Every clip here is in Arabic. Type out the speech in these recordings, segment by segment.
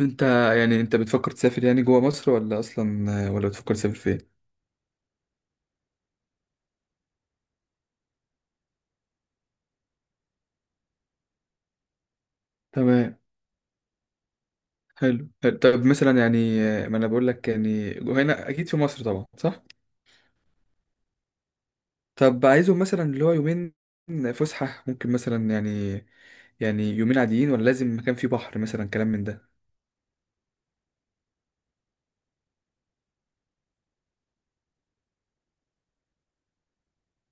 انت يعني انت بتفكر تسافر، يعني جوه مصر، ولا اصلا، ولا بتفكر تسافر فين؟ تمام. حلو حلو. طب مثلا يعني، ما انا بقول لك يعني جوه هنا اكيد في مصر طبعا، صح. طب عايزهم مثلا اللي هو يومين فسحة، ممكن مثلا يعني يومين عاديين ولا لازم مكان فيه بحر مثلا، كلام من ده.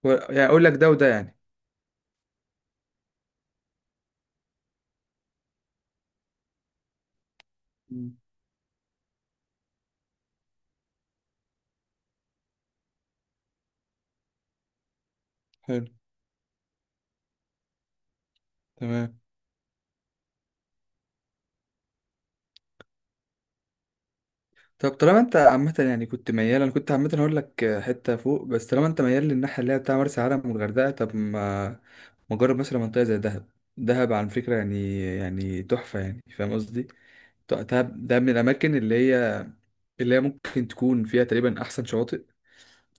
يعني اقول لك ده وده يعني. مم. حلو. تمام. طب طالما انت عامة يعني كنت ميال، انا كنت عامة هقول لك حتة فوق، بس طالما انت ميال للناحية اللي هي بتاع مرسى علم والغردقة، طب ما جرب مثلا منطقة زي دهب. دهب على فكرة يعني تحفة يعني، فاهم قصدي؟ دهب ده من الأماكن اللي هي ممكن تكون فيها تقريبا أحسن شواطئ،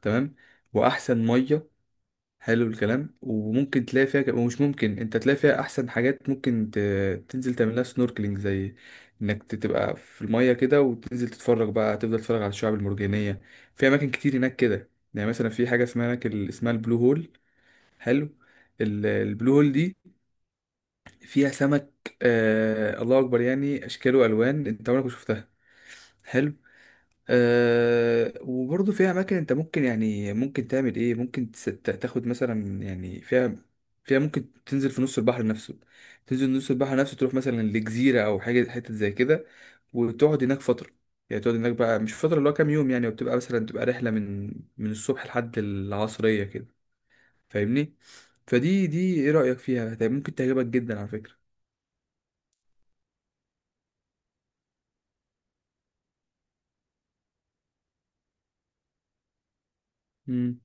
تمام، وأحسن مية. حلو الكلام. وممكن تلاقي فيها ومش، ممكن انت تلاقي فيها احسن حاجات، ممكن ت... تنزل تعملها سنوركلينج، زي انك تبقى في المية كده، وتنزل تتفرج بقى، تفضل تتفرج على الشعاب المرجانية. في اماكن كتير هناك كده، يعني مثلا في حاجة اسمها هناك، اسمها البلو هول. حلو. البلو هول دي فيها سمك، الله اكبر، يعني اشكال والوان انت عمرك ما شفتها. حلو. وبرضه فيها أماكن أنت ممكن، يعني ممكن تعمل إيه، ممكن تاخد مثلا يعني، فيها ممكن تنزل في نص البحر نفسه، تنزل نص البحر نفسه، تروح مثلا لجزيرة أو حاجة حتة زي كده، وتقعد هناك فترة. يعني تقعد هناك بقى، مش فترة، اللي هو كام يوم يعني، وبتبقى مثلا تبقى رحلة من الصبح لحد العصرية كده، فاهمني؟ دي إيه رأيك فيها؟ طيب ممكن تعجبك جدا على فكرة. امم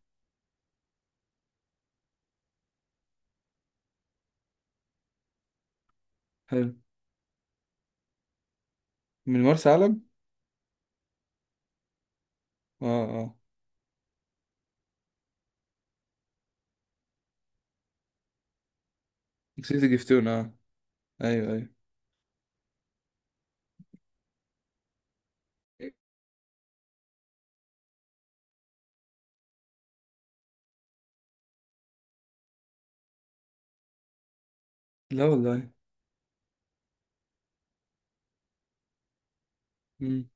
حلو. من مرسى علم؟ اه اه. نسيت جفتون، اه. ايوه ايوه. لا والله. مم.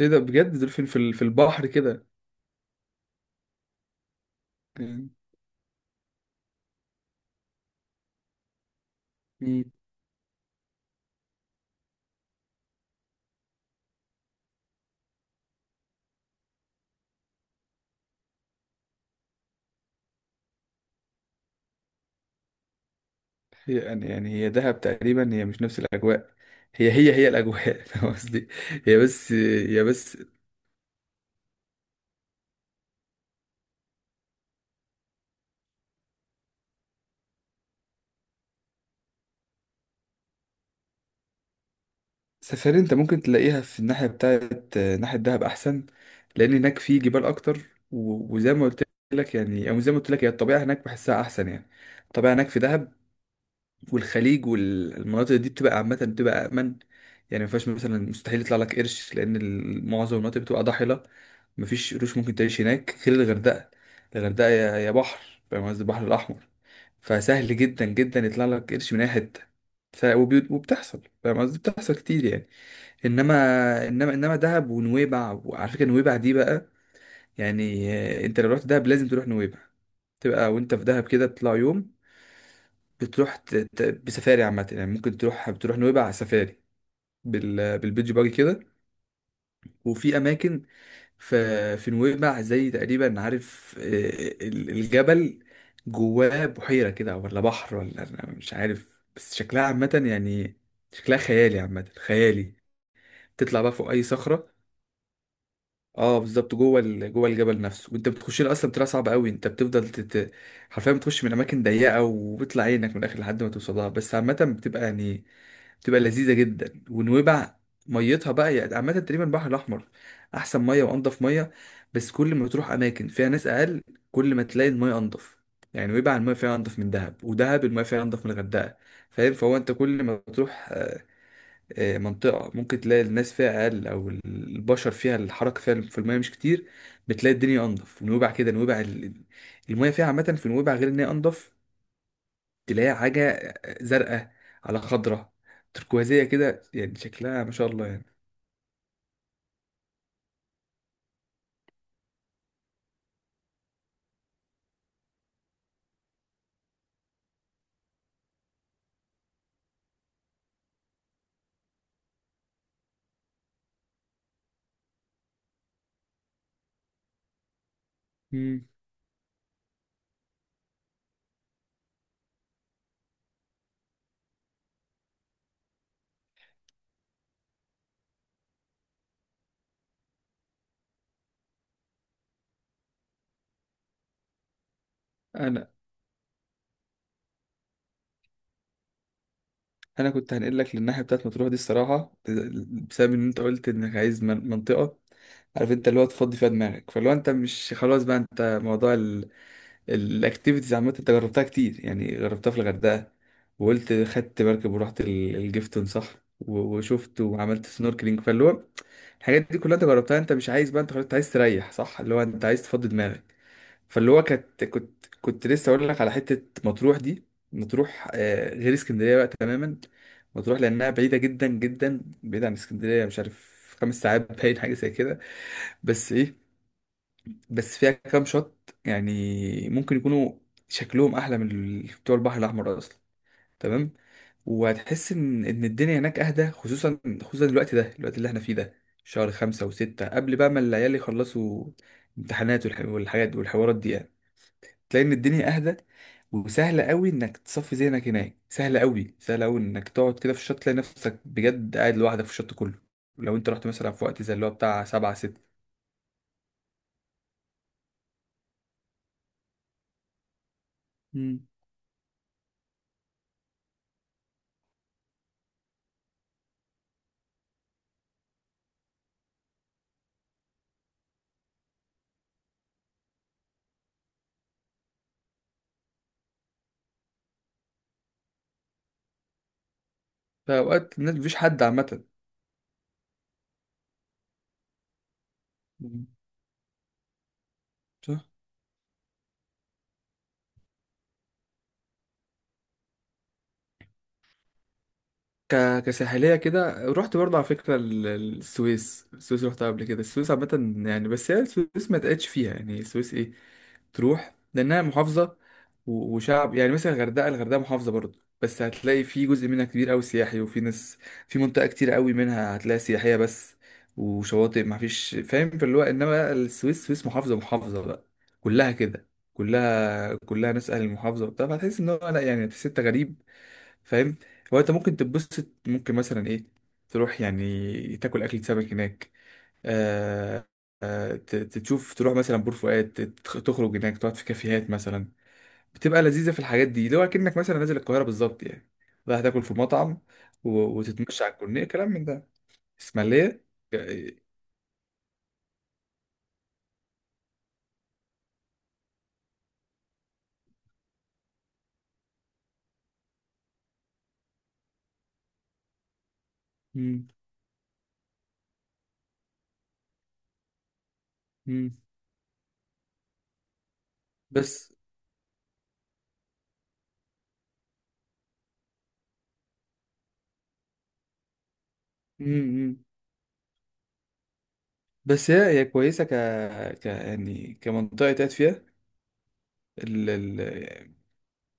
ايه ده، بجد دولفين في في البحر كده؟ مم. مم. هي يعني هي دهب تقريبا هي مش نفس الاجواء. هي الاجواء فاهم قصدي. هي بس. هي بس. سفاري انت ممكن تلاقيها في الناحيه بتاعت ناحيه دهب احسن، لان هناك في جبال اكتر. وزي ما قلت لك، يعني، او زي ما قلت لك، هي الطبيعه هناك بحسها احسن يعني. الطبيعه هناك في دهب، والخليج والمناطق دي بتبقى عامة، بتبقى أأمن. يعني ما فيهاش مثلا، مستحيل يطلع لك قرش، لأن معظم المناطق بتبقى ضاحلة. مفيش قروش، ممكن تعيش هناك غير الغردقة. الغردقة يا بحر، فاهم قصدي، البحر الأحمر. فسهل جدا جدا يطلع لك قرش من أي حتة. وبتحصل، فاهم قصدي، بتحصل كتير يعني. إنما، إنما دهب ونويبع. وعلى فكرة نويبع دي بقى يعني، أنت لو رحت دهب لازم تروح نويبع. تبقى وأنت في دهب كده، تطلع يوم بتروح بسفاري عامة يعني، ممكن تروح، بتروح نويبع على سفاري، بالبيتش باجي كده. وفي أماكن في نويبع، زي تقريبا، عارف، الجبل جواه بحيرة كده ولا بحر، ولا أنا مش عارف، بس شكلها عامة يعني، شكلها خيالي، عامة خيالي. تطلع بقى فوق أي صخرة. اه بالظبط، جوه جوه الجبل نفسه. وانت بتخش له اصلا بتبقى صعب قوي، انت بتفضل تت... حرفيا بتخش من اماكن ضيقه، وبيطلع عينك من الاخر لحد ما توصلها، بس عامه بتبقى يعني، تبقى لذيذه جدا. ونويبع ميتها بقى يعني، عامه تقريبا البحر الاحمر احسن ميه وانضف ميه. بس كل ما تروح اماكن فيها ناس اقل، كل ما تلاقي الميه انضف. يعني نويبع الميه فيها انضف من دهب، ودهب الميه فيها انضف من الغردقه. فاهم، فهو انت كل ما تروح، منطقه ممكن تلاقي الناس فيها اقل، او البشر فيها الحركه فيها في الميه مش كتير، بتلاقي الدنيا انضف. ونويبع كده، نويبع الميه فيها عامه، في نويبع غير ان هي انضف، تلاقي حاجة زرقاء على خضرة، تركوازية كده يعني، شكلها ما شاء الله يعني. مم. أنا، أنا كنت هنقل لك للناحية بتاعت مطروح دي الصراحة، بسبب إن أنت قلت إنك عايز منطقة، عارف أنت اللي هو تفضي فيها دماغك. فلو أنت مش خلاص بقى، أنت موضوع الأكتيفيتيز عامة أنت جربتها كتير يعني، جربتها في الغردقة، وقلت خدت مركب ورحت الجيفتون، صح. وشفت وعملت سنوركلينج، فاللي هو الحاجات دي كلها انت جربتها، انت مش عايز بقى، انت خلاص انت عايز تريح، صح، اللي هو انت عايز تفضي دماغك. فاللي هو كانت، كنت لسه اقول لك على حته، مطروح دي. مطروح غير اسكندريه بقى تماما. مطروح لانها بعيده جدا، جدا بعيده عن اسكندريه، مش عارف، 5 ساعات باين حاجه زي كده. بس ايه، بس فيها كام شط يعني ممكن يكونوا شكلهم احلى من بتوع البحر الاحمر اصلا، تمام. وهتحس ان ان الدنيا هناك اهدى، خصوصا، خصوصا الوقت ده، الوقت اللي احنا فيه ده، شهر خمسة وستة، قبل بقى ما العيال يخلصوا امتحانات، والحاجات والحوارات دي يعني. تلاقي ان الدنيا اهدى، وسهل قوي انك تصفي ذهنك هناك، سهل قوي، سهل قوي انك تقعد كده في الشط، تلاقي نفسك بجد قاعد لوحدك في الشط كله. لو انت رحت مثلا في وقت زي اللي هو بتاع سبعة ستة. مم. فأوقات الناس مفيش حد عامة. مم. صح. كساحلية كده، رحت برضه على فكرة السويس. السويس رحتها قبل كده. السويس عامة يعني، بس هي السويس ما تقعدش فيها يعني. السويس ايه، تروح لأنها محافظة، و... وشعب. يعني مثلا الغردقة، الغردقة محافظة برضه، بس هتلاقي في جزء منها كبير أوي سياحي وفي ناس، في منطقة كتير أوي منها هتلاقي سياحية بس، وشواطئ، ما فيش فاهم في اللي هو. إنما بقى السويس، محافظة، محافظة بقى كلها كده، كلها ناس أهل المحافظة وبتاع. فهتحس إن هو لأ، يعني تحس أنت غريب، فاهم. هو انت ممكن تتبسط، ممكن مثلا ايه، تروح يعني تاكل اكلة سمك هناك، آه تشوف، تروح مثلا بور فؤاد، تخرج هناك، تقعد في كافيهات مثلا. بتبقى لذيذة في الحاجات دي، لو اكنك مثلا نازل القاهرة بالظبط يعني، رايح تاكل في مطعم، و- وتتمشى على الكورنيش، كلام من ده. اسماعيلية. آه، مم، مم. بس. مم، مم. بس هي كويسة، ك يعني، كمنطقة تقعد فيها.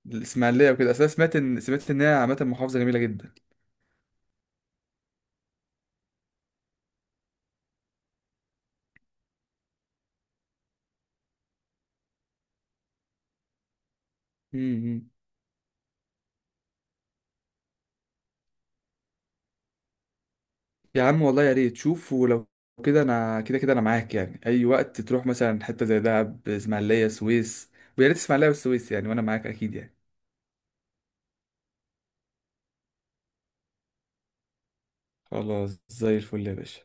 الاسماعيليه وكده، اصل انا سمعت ان هي عامه محافظه جميله جدا. امم يا عم والله يا ريت. شوف ولو كده، انا كده انا معاك يعني، اي وقت تروح مثلا حته زي دهب، اسماعيليه، سويس، ويا ريت اسماعيليه والسويس يعني، وانا معاك اكيد يعني. خلاص، زي الفل يا باشا.